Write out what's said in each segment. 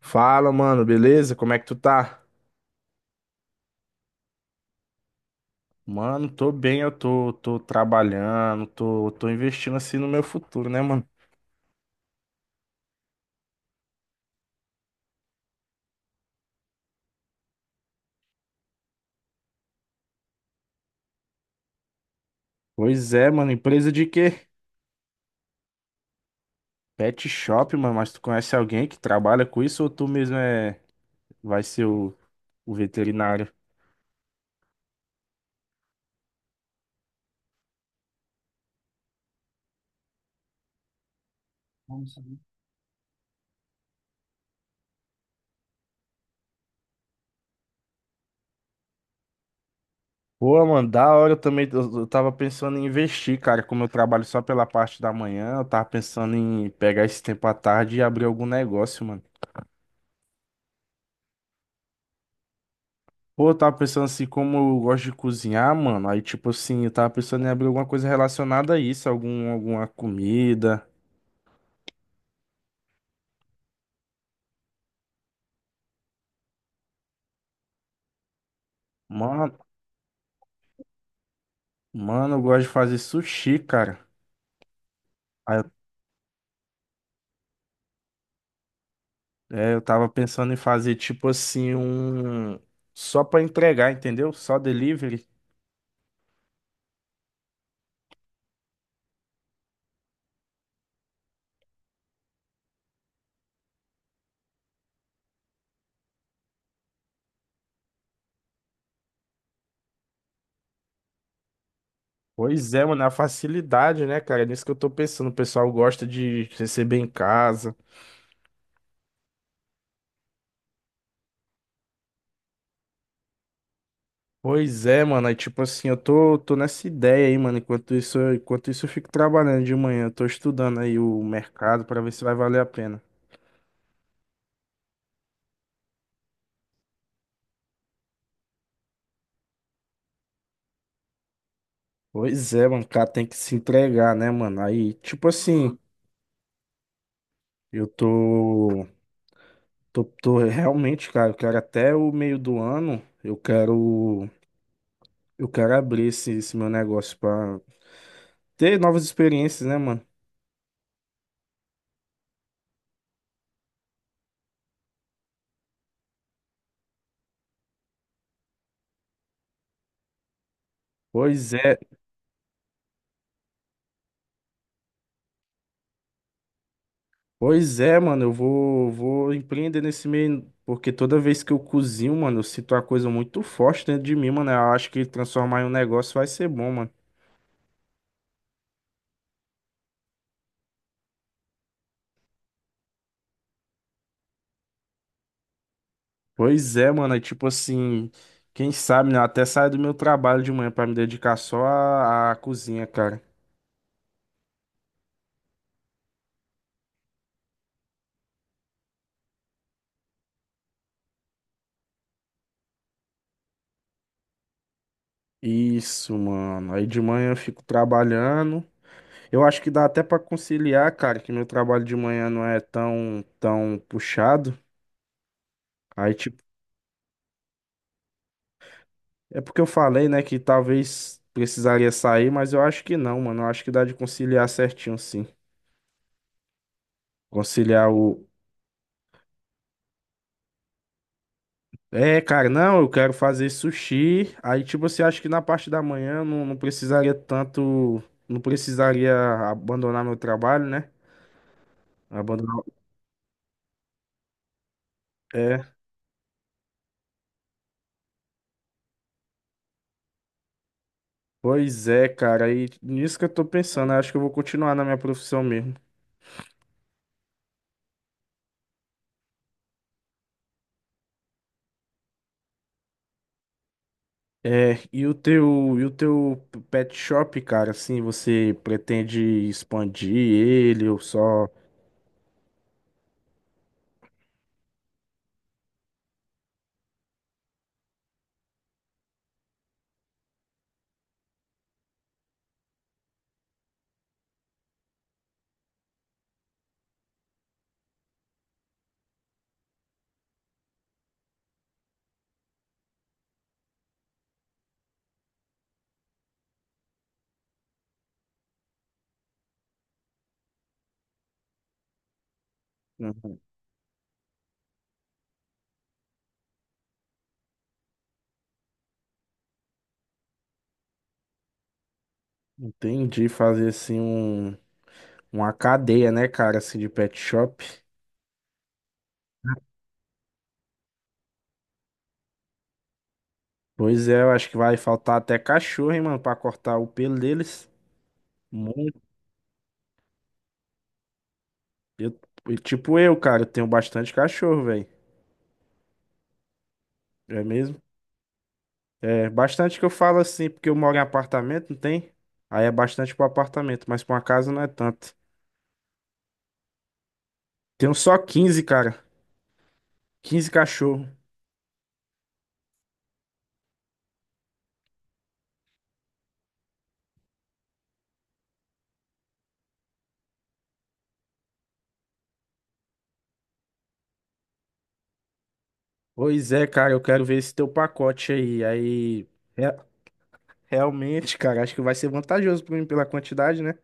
Fala, mano, beleza? Como é que tu tá? Mano, tô bem, eu tô trabalhando, tô investindo assim no meu futuro, né, mano? Pois é, mano, empresa de quê? Pet shop, mano, mas tu conhece alguém que trabalha com isso ou tu mesmo é, vai ser o veterinário? Pô, mano, da hora eu também, eu tava pensando em investir, cara, como eu trabalho só pela parte da manhã, eu tava pensando em pegar esse tempo à tarde e abrir algum negócio, mano. Pô, eu tava pensando assim, como eu gosto de cozinhar, mano. Aí, tipo assim, eu tava pensando em abrir alguma coisa relacionada a isso, algum, alguma comida. Mano, mano, eu gosto de fazer sushi, cara. Aí, é, eu tava pensando em fazer, tipo assim, um. Só pra entregar, entendeu? Só delivery. Pois é, mano, é a facilidade, né, cara? É nisso que eu tô pensando. O pessoal gosta de receber em casa. Pois é, mano. Aí, tipo assim, eu tô nessa ideia aí, mano. Enquanto isso, enquanto isso, eu fico trabalhando de manhã. Eu tô estudando aí o mercado pra ver se vai valer a pena. Pois é, mano. O cara tem que se entregar, né, mano? Aí, tipo assim, eu tô realmente, cara, eu quero até o meio do ano, eu quero abrir esse meu negócio pra ter novas experiências, né, mano? Pois é. Pois é, mano, eu vou empreender nesse meio, porque toda vez que eu cozinho, mano, eu sinto uma coisa muito forte dentro de mim, mano. Eu acho que transformar em um negócio vai ser bom, mano. Pois é, mano, é tipo assim, quem sabe, né? Eu até saio do meu trabalho de manhã pra me dedicar só à cozinha, cara. Isso, mano. Aí de manhã eu fico trabalhando. Eu acho que dá até pra conciliar, cara, que meu trabalho de manhã não é tão puxado. Aí, tipo. É porque eu falei, né, que talvez precisaria sair, mas eu acho que não, mano. Eu acho que dá de conciliar certinho, sim. Conciliar o. É, cara, não, eu quero fazer sushi. Aí, tipo, você acha que na parte da manhã eu não precisaria tanto. Não precisaria abandonar meu trabalho, né? Abandonar. É. Pois é, cara. Aí nisso que eu tô pensando. Eu acho que eu vou continuar na minha profissão mesmo. É, e o teu pet shop, cara, assim, você pretende expandir ele ou só. Uhum. Entendi, fazer assim um, uma cadeia, né, cara, assim de pet shop. Pois é, eu acho que vai faltar até cachorro, hein, mano, pra cortar o pelo deles. Muito. Eu- e tipo eu, cara, eu tenho bastante cachorro, velho. É mesmo? É, bastante que eu falo assim, porque eu moro em apartamento, não tem? Aí é bastante pro apartamento, mas pra uma casa não é tanto. Tenho só 15, cara. 15 cachorro. Pois é, cara, eu quero ver esse teu pacote aí. Aí, é, realmente, cara, acho que vai ser vantajoso pra mim pela quantidade, né?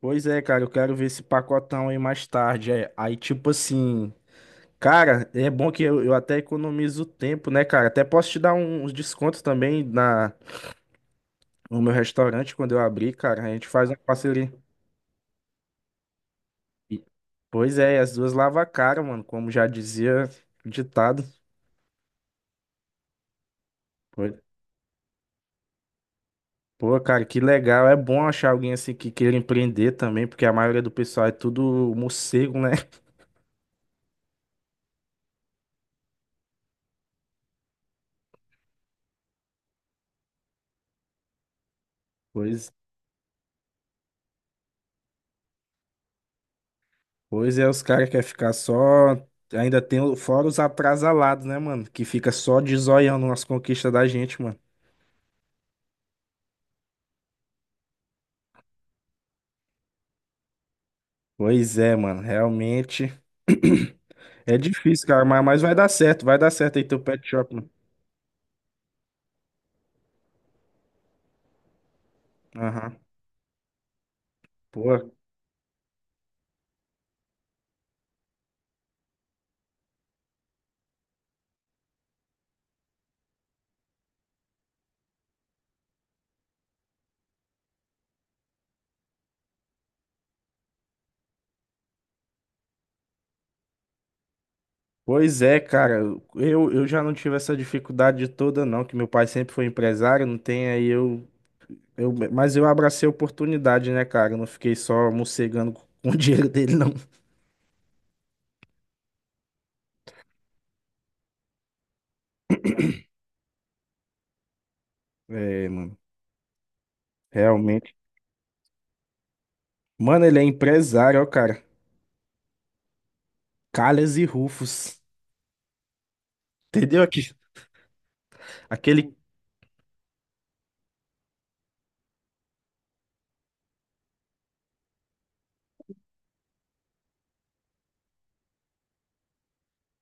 Pois é, cara, eu quero ver esse pacotão aí mais tarde. É, aí, tipo assim, cara, é bom que eu até economizo tempo, né, cara? Até posso te dar uns descontos também no meu restaurante quando eu abrir, cara. A gente faz uma parceria. E- Pois é, as duas lavam a cara, mano, como já dizia o ditado. Pois- Pô, cara, que legal. É bom achar alguém assim que queira empreender também, porque a maioria do pessoal é tudo morcego, né? Pois Pois é, os caras querem ficar só. Ainda tem fora os atrasalados, né, mano? Que fica só de zoião nas conquistas da gente, mano. Pois é, mano. Realmente. É difícil, cara, mas vai dar certo. Vai dar certo aí teu pet shop, mano. Aham. Pô. Pois é, cara. Eu já não tive essa dificuldade toda, não. Que meu pai sempre foi empresário, não tem aí eu. Eu, mas eu abracei a oportunidade, né, cara? Eu não fiquei só mocegando com o dinheiro dele, não. É, mano. Realmente. Mano, ele é empresário, ó, cara. Calhas e Rufos. Entendeu? Aqui, aquele.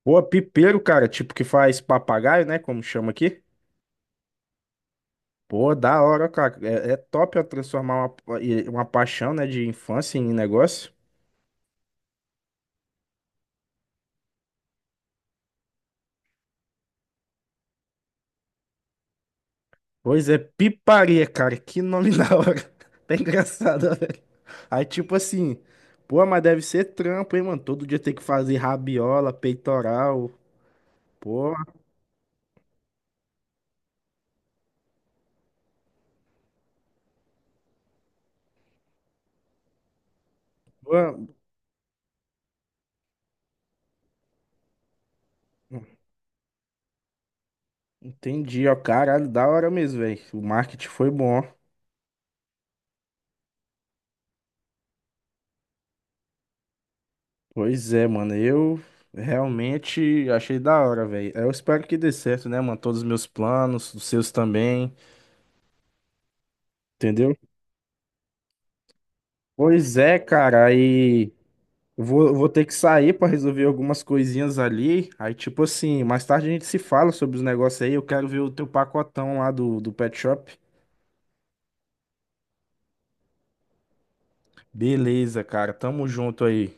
Pô, pipeiro, cara. Tipo, que faz papagaio, né? Como chama aqui. Pô, da hora, ó, cara. É, é top, ó, transformar uma paixão, né? De infância em negócio. Pois é, piparia, cara. Que nome da hora. Tá engraçado, ó, velho. Aí, tipo assim. Pô, mas deve ser trampo, hein, mano? Todo dia tem que fazer rabiola, peitoral. Pô, pô. Entendi, ó. Caralho, da hora mesmo, velho. O marketing foi bom. Pois é, mano, eu realmente achei da hora, velho. Eu espero que dê certo, né, mano? Todos os meus planos, os seus também, entendeu? Pois é, cara, aí eu vou ter que sair pra resolver algumas coisinhas ali. Aí, tipo assim, mais tarde a gente se fala sobre os negócios aí. Eu quero ver o teu pacotão lá do Pet Shop. Beleza, cara, tamo junto aí.